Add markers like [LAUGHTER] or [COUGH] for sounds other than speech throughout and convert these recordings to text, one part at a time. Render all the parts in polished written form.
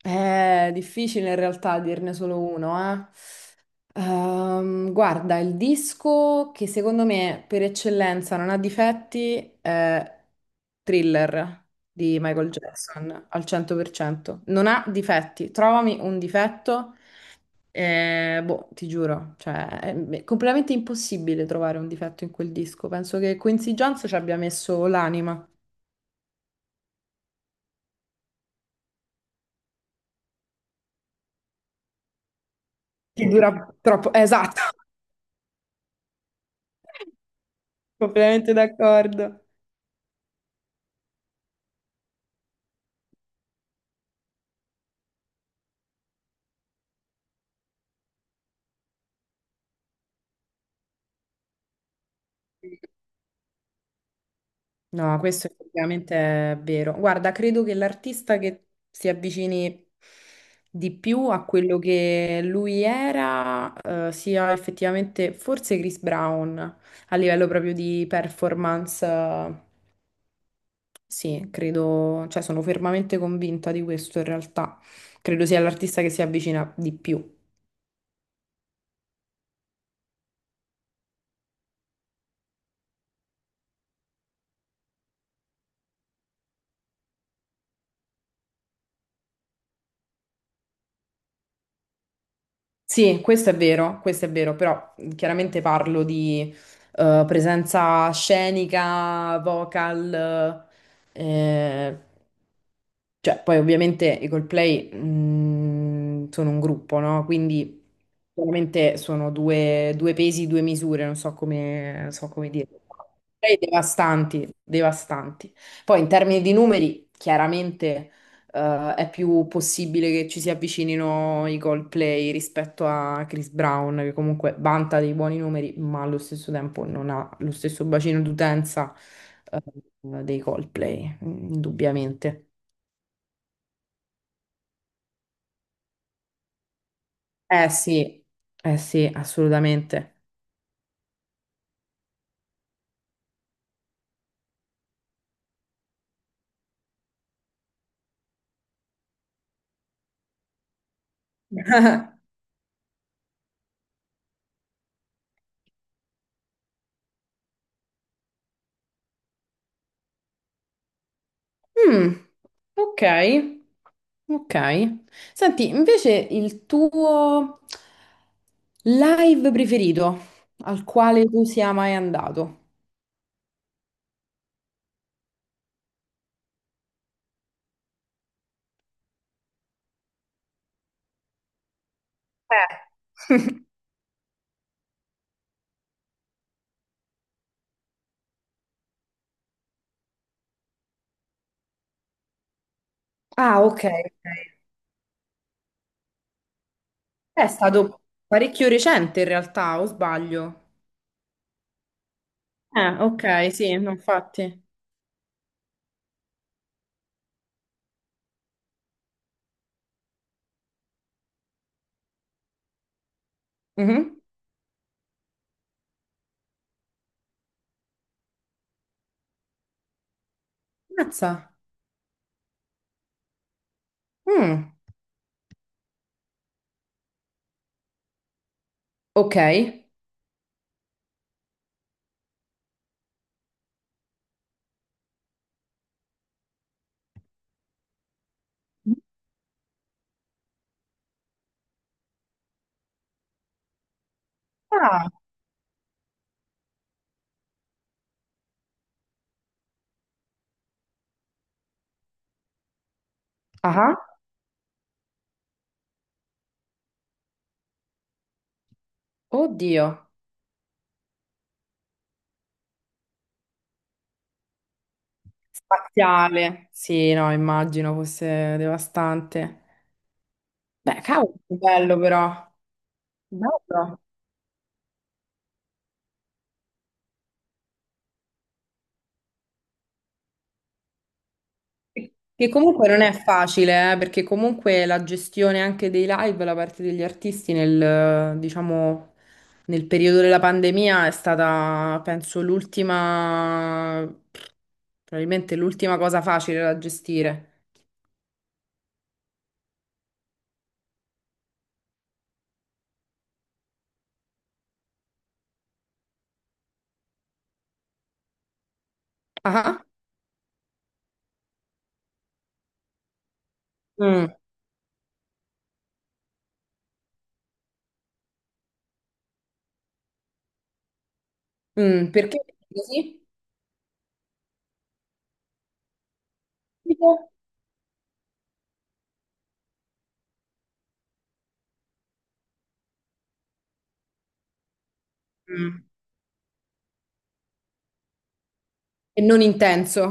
È difficile in realtà dirne solo uno, eh. Guarda, il disco che secondo me per eccellenza non ha difetti è Thriller di Michael Jackson al 100%. Non ha difetti. Trovami un difetto, boh, ti giuro, cioè, è completamente impossibile trovare un difetto in quel disco. Penso che Quincy Jones ci abbia messo l'anima. Che dura troppo. Esatto, [LAUGHS] completamente d'accordo. No, questo effettivamente è vero. Guarda, credo che l'artista che si avvicini di più a quello che lui era, sia effettivamente forse Chris Brown a livello proprio di performance. Sì, credo, cioè sono fermamente convinta di questo in realtà. Credo sia l'artista che si avvicina di più. Sì, questo è vero, però chiaramente parlo di presenza scenica, vocal, eh, cioè poi ovviamente i Coldplay sono un gruppo, no? Quindi chiaramente sono due pesi, due misure, non so come, so come dire. Coldplay devastanti, devastanti. Poi in termini di numeri, chiaramente è più possibile che ci si avvicinino i Coldplay rispetto a Chris Brown, che comunque vanta dei buoni numeri, ma allo stesso tempo non ha lo stesso bacino d'utenza, eh, dei Coldplay, indubbiamente. Eh sì, eh sì, assolutamente. Mm, ok, ok. Senti, invece il tuo live preferito al quale tu sia mai andato? Eh. [LAUGHS] Ah, ok, ok. È stato parecchio recente in realtà, o sbaglio? Ok, sì, no, infatti. Mhm. Mazza. Mm, ok. Ah, ah, oddio. Spaziale. Sì, no, immagino fosse devastante. Beh, cavolo, che bello però. Bello. Che comunque non è facile, perché comunque la gestione anche dei live da parte degli artisti nel, diciamo, nel periodo della pandemia è stata, penso, l'ultima, probabilmente l'ultima cosa facile da gestire. Ah, mm, perché così? Tipo? Mm. E non intenso.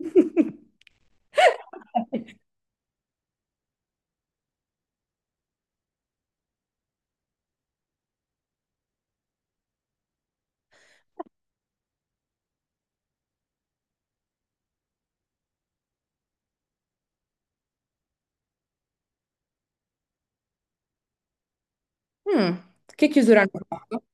[LAUGHS] Mm. Che chiusura hanno fatto?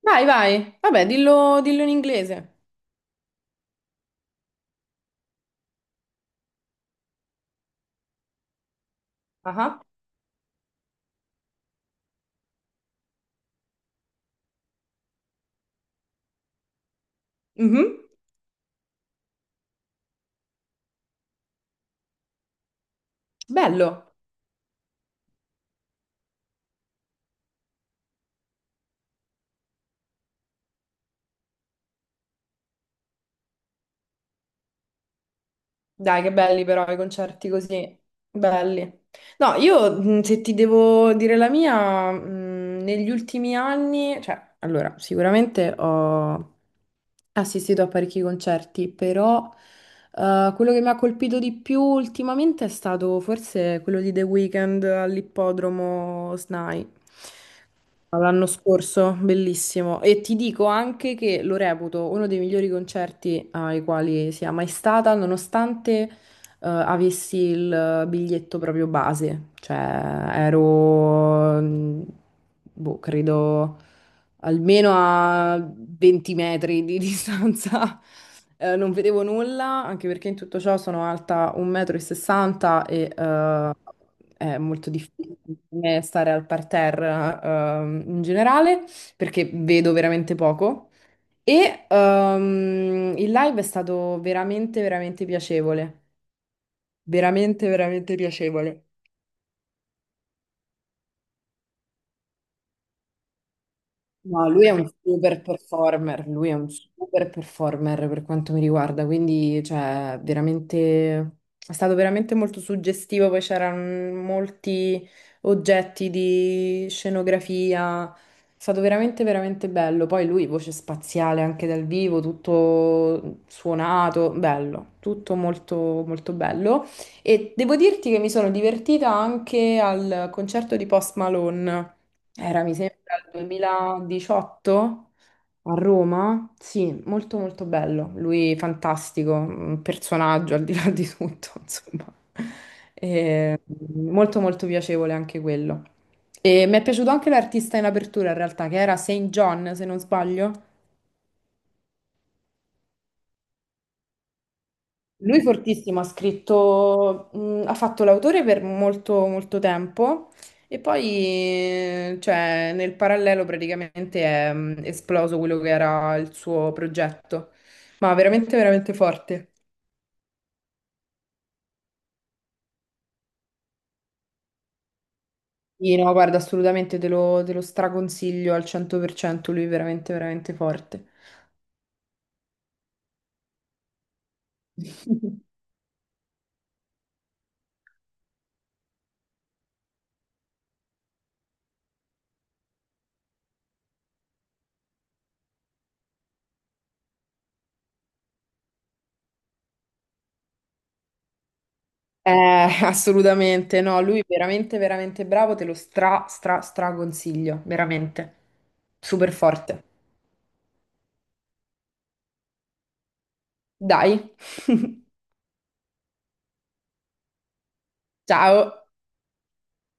Vai, vai. Vabbè, dillo in inglese. Ah, ah. Mhm. Bello. Dai, che belli però i concerti così. Belli. No, io se ti devo dire la mia, negli ultimi anni, cioè, allora, sicuramente ho assistito a parecchi concerti, però quello che mi ha colpito di più ultimamente è stato forse quello di The Weeknd all'ippodromo SNAI. L'anno scorso, bellissimo. E ti dico anche che lo reputo uno dei migliori concerti ai quali sia mai stata, nonostante avessi il biglietto proprio base, cioè ero, boh, credo almeno a 20 metri di [LAUGHS] distanza. Non vedevo nulla, anche perché in tutto ciò sono alta 1,60 m e sessanta e è molto difficile per me stare al parterre in generale perché vedo veramente poco. E il live è stato veramente, veramente piacevole veramente, veramente piacevole. No, lui è un super performer, lui è un super performer per quanto mi riguarda, quindi cioè, veramente, è stato veramente molto suggestivo, poi c'erano molti oggetti di scenografia, è stato veramente, veramente bello, poi lui voce spaziale anche dal vivo, tutto suonato, bello, tutto molto, molto bello e devo dirti che mi sono divertita anche al concerto di Post Malone. Era, mi sembra, il 2018 a Roma. Sì, molto molto bello. Lui fantastico, un personaggio al di là di tutto, [LAUGHS] insomma. E, molto molto piacevole anche quello. E mi è piaciuto anche l'artista in apertura, in realtà, che era Saint John, se non sbaglio. Lui fortissimo, ha scritto, ha fatto l'autore per molto, molto tempo e poi, cioè, nel parallelo praticamente è esploso quello che era il suo progetto. Ma veramente, veramente forte. Sì, no, guarda, assolutamente te lo straconsiglio al 100%, lui è veramente, veramente forte. [LAUGHS] Assolutamente, no, lui veramente, veramente bravo, te lo stra, stra, stra consiglio, veramente. Super forte. Dai. [LAUGHS] Ciao.